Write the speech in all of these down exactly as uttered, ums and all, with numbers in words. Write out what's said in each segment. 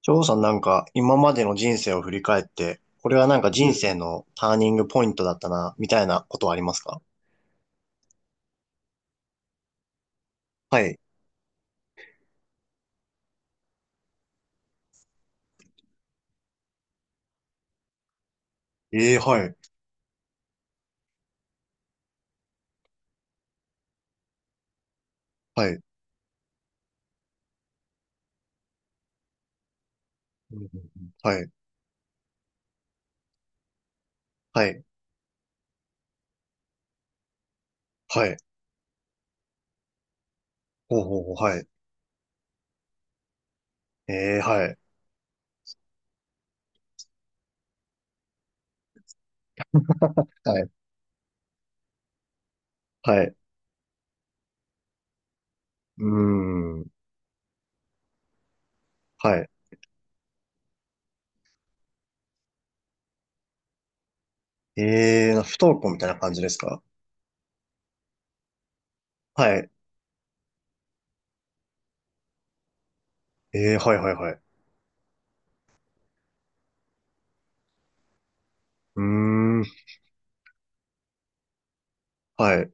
翔さん、なんか今までの人生を振り返って、これはなんかう人ん。生のターニングポイントだったな、みたいなことはありますか？はい。ええ、はい。はい。うんうんうん、はい。はい。はい。ほうほうほう。はい。ええ、はい。はい。はい。うーん。はい。ええ、不登校みたいな感じですか？はい。ええ、はいはいはい。うーん。はい。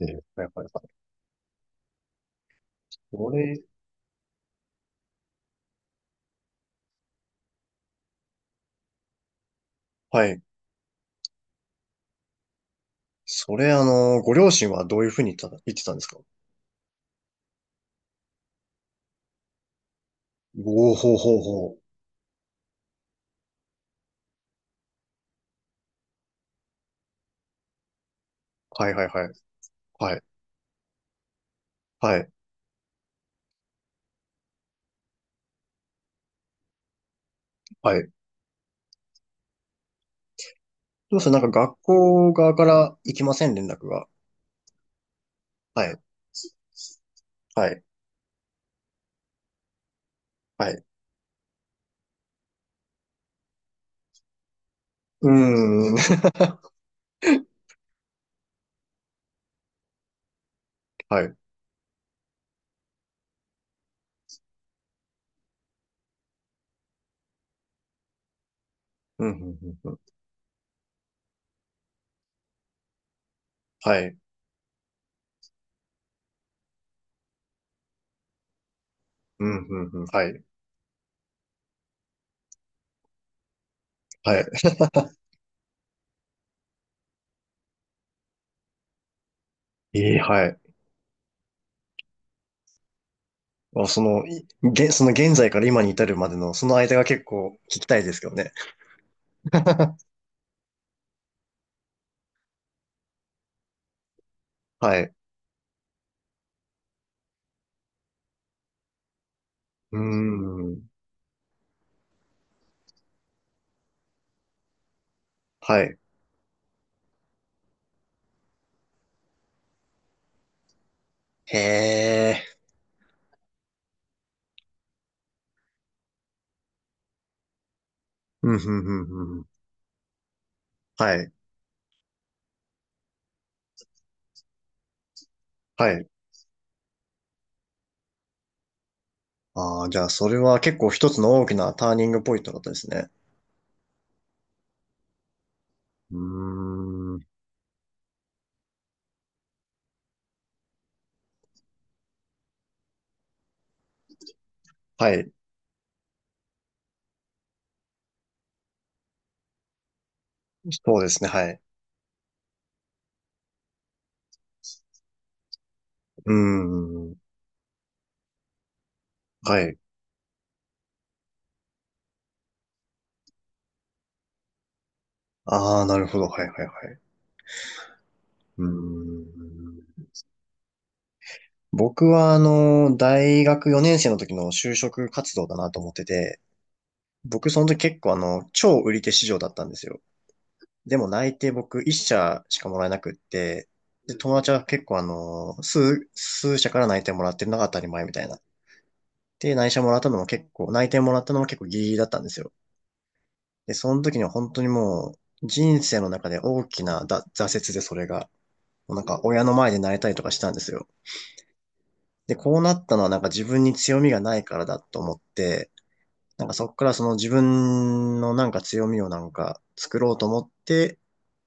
ええ、はいはいはい。これ、はい。それ、あの、ご両親はどういうふうに言った言ってたんですか？おー、ほうほうほう。はいはいはい。はい。はい。はい。どうする、なんか学校側から行きません、連絡が。はい。はい。はい。うーん。はい。うん、うん、うん。うん、はい。うん、うん、うん。はい。はい。ええ、はい。あ、その、いげ、その現在から今に至るまでの、その間が結構聞きたいですけどね。はい。うーん。はい。へえ。うん、うん、うん、うん。はい。はい。ああ、じゃあ、それは結構一つの大きなターニングポイントだったですね。うーん。はい。そうですね、はい。うーん。はい。ああ、なるほど。はいはいはい。うーん。僕は、あの、大学よねん生の時の就職活動だなと思ってて、僕その時結構あの、超売り手市場だったんですよ。でも内定、僕いっしゃ社しかもらえなくって、で、友達は結構あの、数、数社から内定もらってるのが当たり前みたいな。で、内社もらったのも結構、内定もらったのも結構ギリギリだったんですよ。で、その時には本当にもう、人生の中で大きなだ挫折でそれが。なんか親の前で泣いたりとかしたんですよ。で、こうなったのはなんか自分に強みがないからだと思って、なんかそっからその自分のなんか強みをなんか作ろうと思って、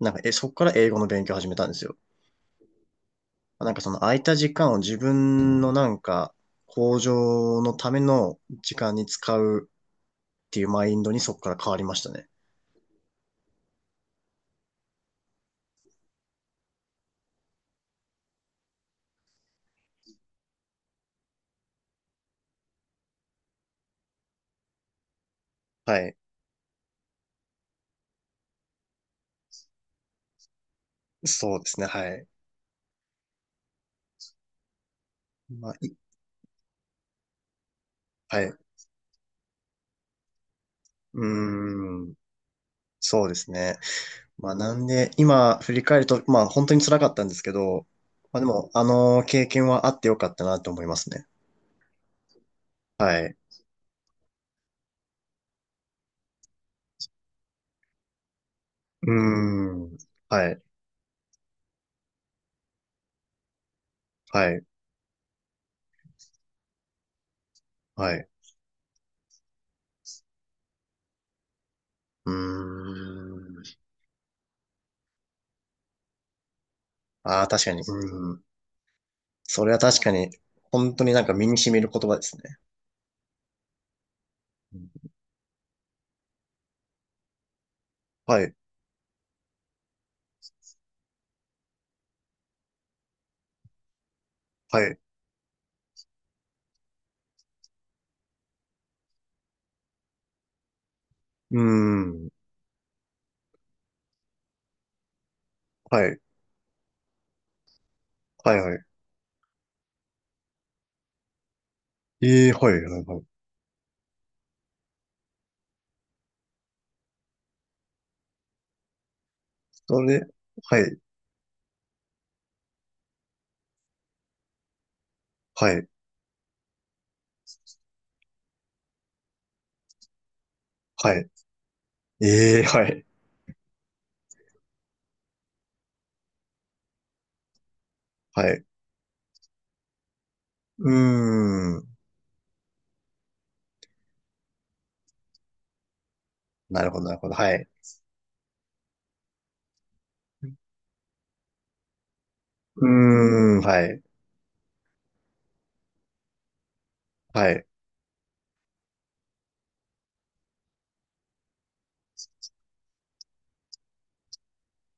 なんかえ、そっから英語の勉強を始めたんですよ。なんかその空いた時間を自分のなんか向上のための時間に使うっていうマインドにそっから変わりましたね。はい。そうですね。はい。まあ、いはい。うーん。そうですね。まあなんで、今振り返ると、まあ本当に辛かったんですけど、まあでも、あの経験はあってよかったなと思いますね。はい。うーん。はい。はい。はい。うーん。ああ、確かに。うん。それは確かに、本当になんか身に染みる言葉ですね。うん、はい。はい。うーん。はい。はい。はい。ええ、はい。はい。はい、それ、はい。はい。はい。ええ、はい。はい。うーん。なるほど、なるほど。はい。うーん。はい。はい。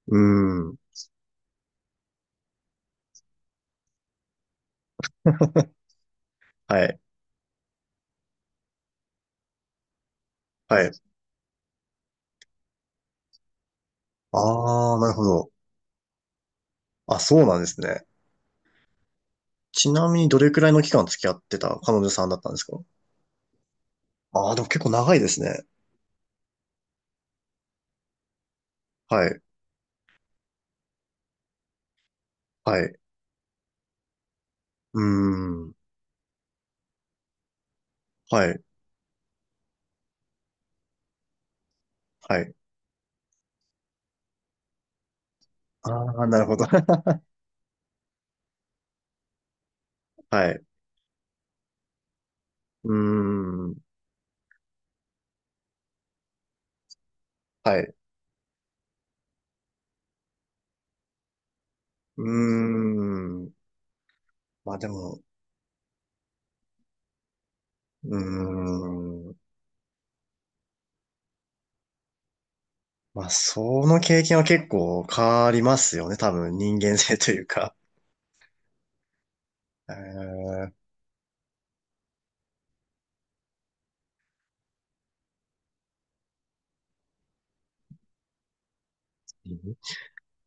うーん。はい。はい。ああ、なるほど。あ、そうなんですね。ちなみにどれくらいの期間付き合ってた彼女さんだったんですか？ああー、でも結構長いですね。はい。はい。うーん。はい。はい。ああ、なるほど。はい。うーん。はい。うーん。まあでも、うーん。まあ、その経験は結構変わりますよね。多分、人間性というか。えー、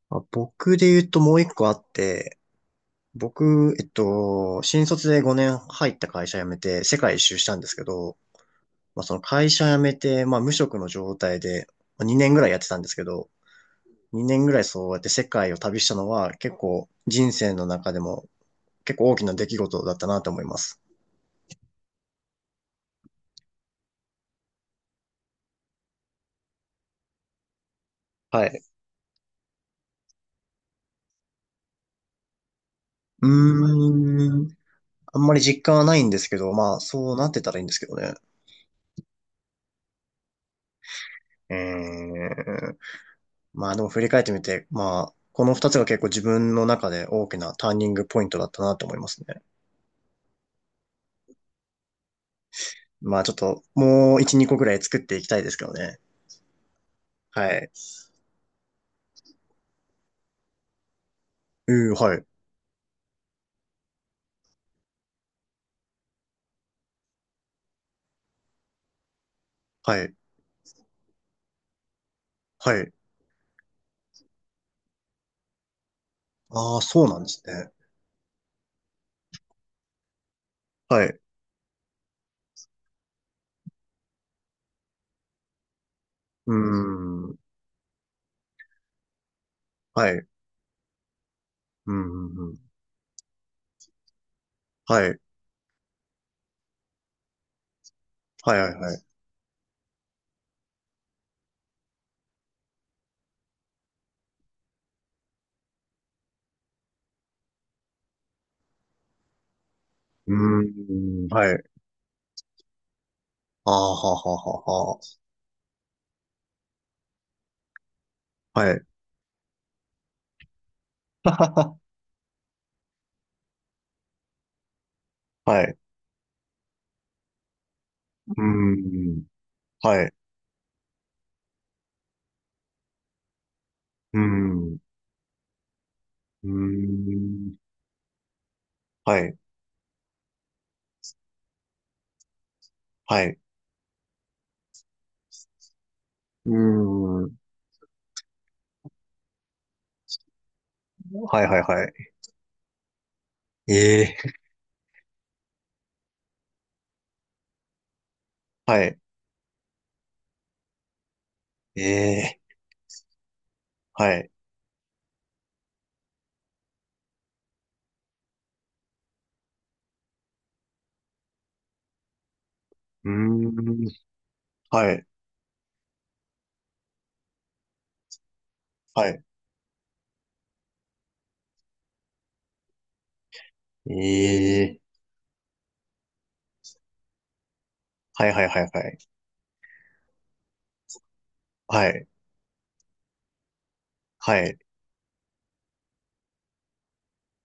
まあ、僕で言うともう一個あって、僕、えっと、新卒でごねん入った会社辞めて世界一周したんですけど、まあ、その会社辞めて、まあ、無職の状態でまあにねんぐらいやってたんですけど、にねんぐらいそうやって世界を旅したのは結構人生の中でも結構大きな出来事だったなと思います。はい。うーん。あんまり実感はないんですけど、まあそうなってたらいいんですけどね。え、まあでも振り返ってみて、まあ、この二つが結構自分の中で大きなターニングポイントだったなと思いますね。まあちょっと、もう一、二個ぐらい作っていきたいですけどね。はい。うー、はい。はい。はい。ああ、そうなんですね。はい。うーん。はい。うーん。はい。はい、はい、はい。うーん。はい。ああ、はあはあはあはあ。はい。ははは、はい。うーん。はい。うーん。うーん。はい。はい。うーん。はい、はい、はい。ええ、はい。ええ、はい。うーん、はい。はい。ええ、はい。はい。はい。はい。はい。はい。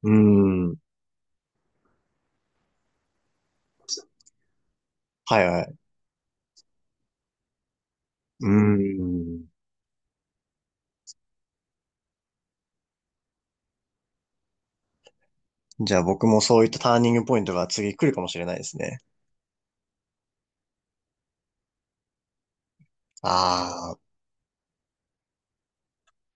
うーん、はい。はい。うーん。じゃあ僕もそういったターニングポイントが次来るかもしれないですね。ああ。